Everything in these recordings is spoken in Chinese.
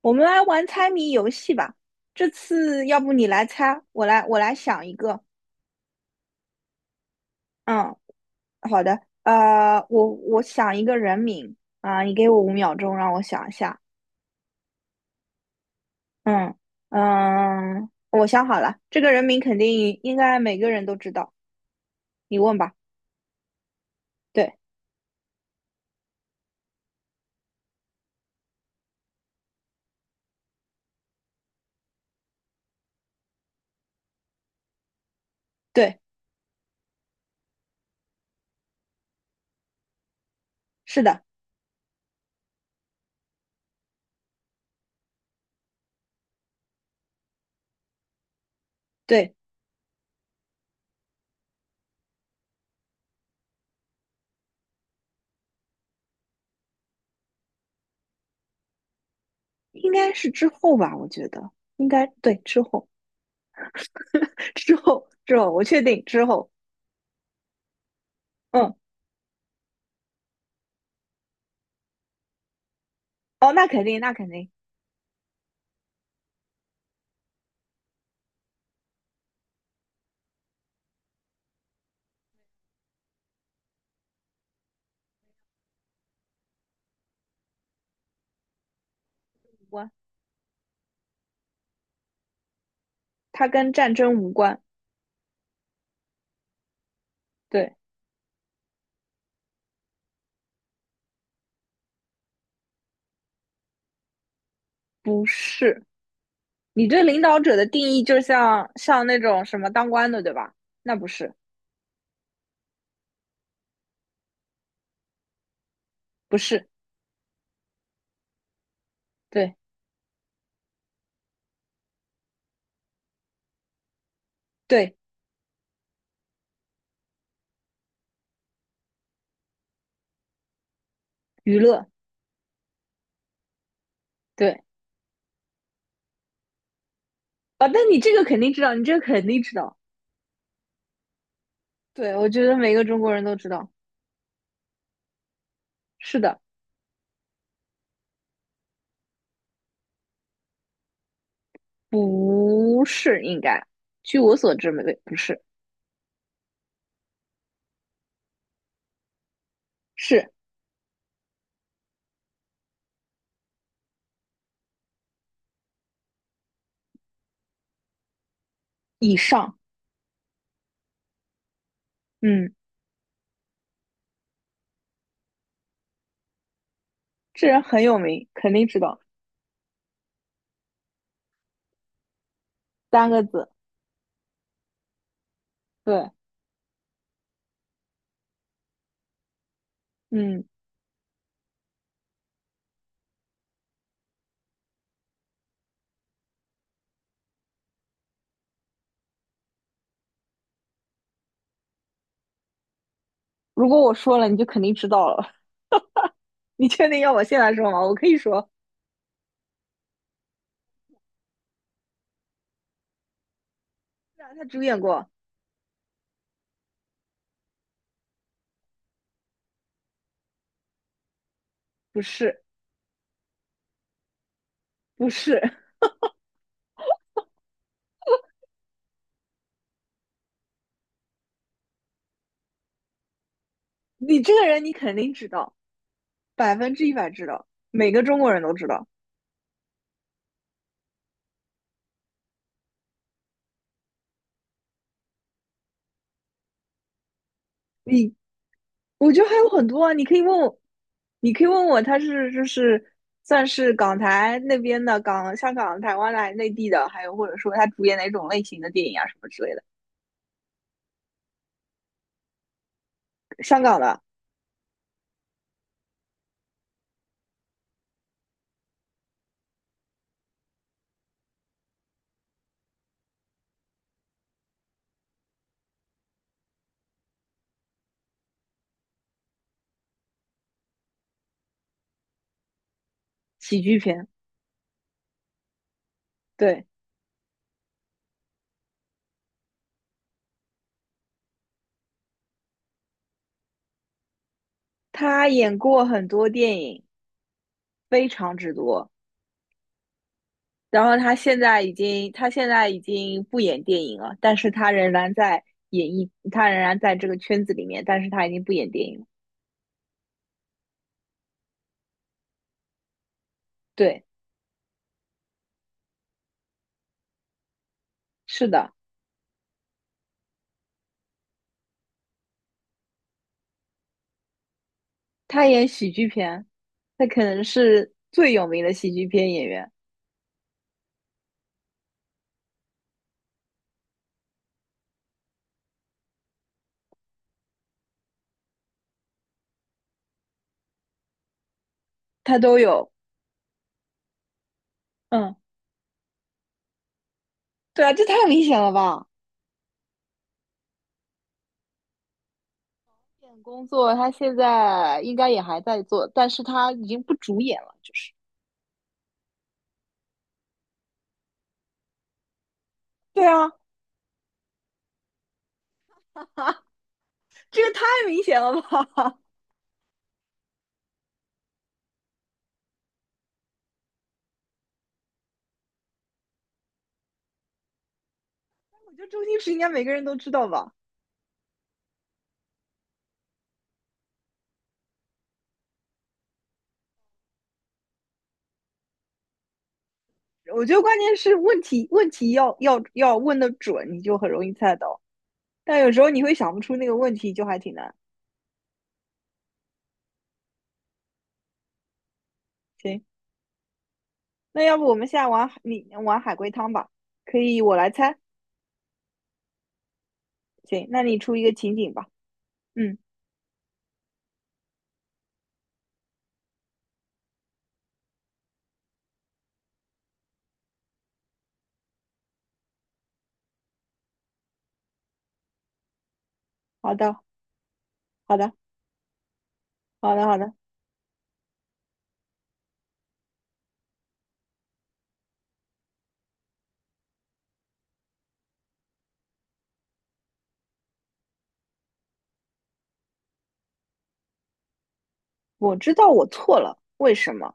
我们来玩猜谜游戏吧。这次要不你来猜，我来想一个。嗯，好的。我想一个人名啊，你给我5秒钟，让我想一下。嗯嗯，我想好了，这个人名肯定应该每个人都知道。你问吧。对对，是的，对，应该是之后吧，我觉得应该对之后 之后之后，我确定之后。嗯，哦，那肯定，那肯定无关，它跟战争无关。对。不是，你对领导者的定义就像那种什么当官的，对吧？那不是，不是，对对，娱乐，对啊，但你这个肯定知道，你这个肯定知道。对，我觉得每个中国人都知道。是的，不是应该，据我所知，没不是，是以上。嗯，这人很有名，肯定知道。三个字，对，嗯，如果我说了，你就肯定知道了。你确定要我现在说吗？我可以说，是啊他主演过，不是，不是。你这个人你肯定知道，100%知道，每个中国人都知道。你我觉得还有很多啊，你可以问我，你可以问我，他是就是算是港台那边的港，香港、台湾来内地的，还有或者说他主演哪种类型的电影啊什么之类的。香港的喜剧片，对，他演过很多电影，非常之多。然后他现在已经，他现在已经不演电影了，但是他仍然在演艺，他仍然在这个圈子里面，但是他已经不演电影了。对，是的，他演喜剧片，他可能是最有名的喜剧片演员，他都有。嗯，对啊，这太明显了吧？这点工作他现在应该也还在做，但是他已经不主演了，就是。对啊，这个太明显了吧？我觉得周星驰应该每个人都知道吧。我觉得关键是问题要问的准，你就很容易猜到。但有时候你会想不出那个问题，就还挺难。行，那要不我们现在玩你玩海龟汤吧？可以，我来猜。行，那你出一个情景吧。嗯，好的，好的，好的，好的。我知道我错了，为什么？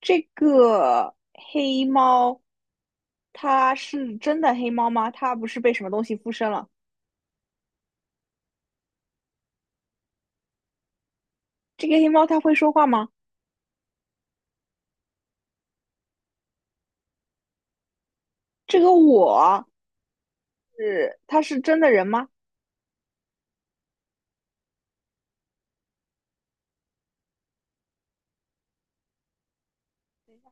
这个黑猫，它是真的黑猫吗？它不是被什么东西附身了？这个黑猫它会说话吗？这个我是，它是真的人吗？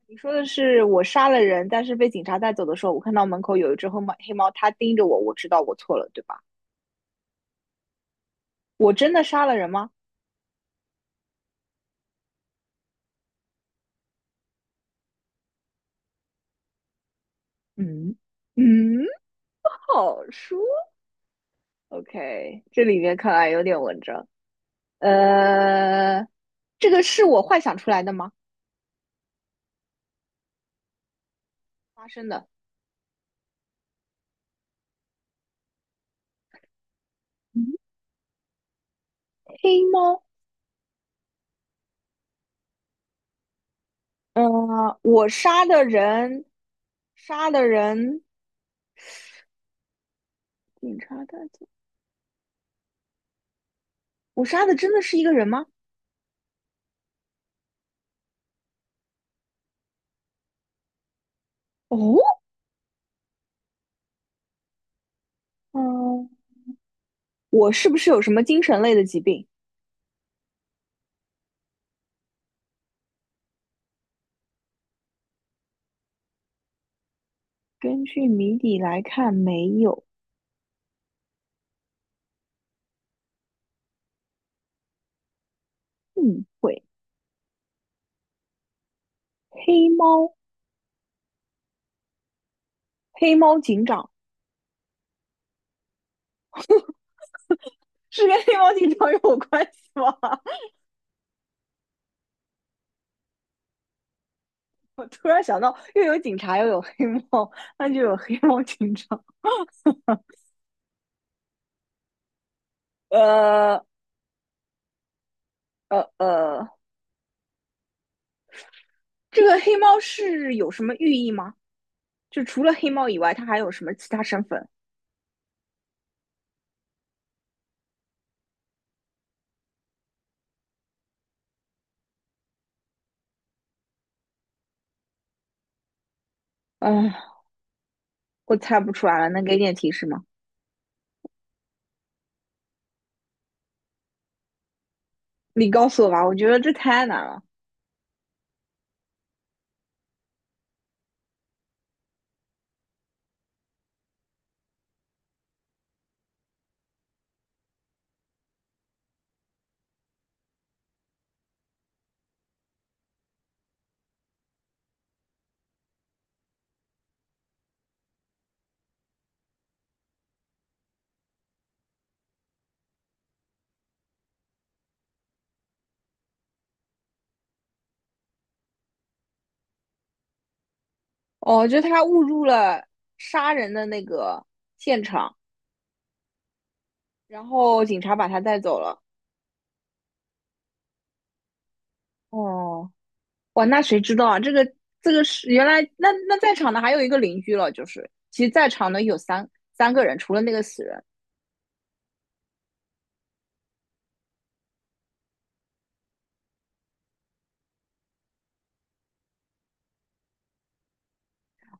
你说的是我杀了人，但是被警察带走的时候，我看到门口有一只黑猫，黑猫它盯着我，我知道我错了，对吧？我真的杀了人吗？嗯嗯，好说。OK,这里面看来有点文章。呃，这个是我幻想出来的吗？发生的。嗯黑猫，呃，我杀的人，杀的人，警察带走。我杀的真的是一个人吗？哦，嗯、我是不是有什么精神类的疾病？根据谜底来看，没有误会。黑猫，黑猫警长是跟黑猫警长有关系吗？我突然想到，又有警察，又有黑猫，那就有黑猫警长。呃呃呃，这个黑猫是有什么寓意吗？就除了黑猫以外，它还有什么其他身份？嗯，我猜不出来了，能给点提示吗？你告诉我吧，我觉得这太难了。哦，就他误入了杀人的那个现场。然后警察把他带走了。哦，哇，那谁知道啊？这个这个是原来那在场的还有一个邻居了，就是其实在场的有三个人，除了那个死人。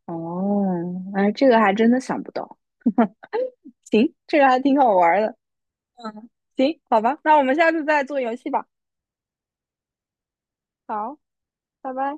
哦，哎，这个还真的想不到。行，这个还挺好玩的。行，好吧，那我们下次再做游戏吧。好，拜拜。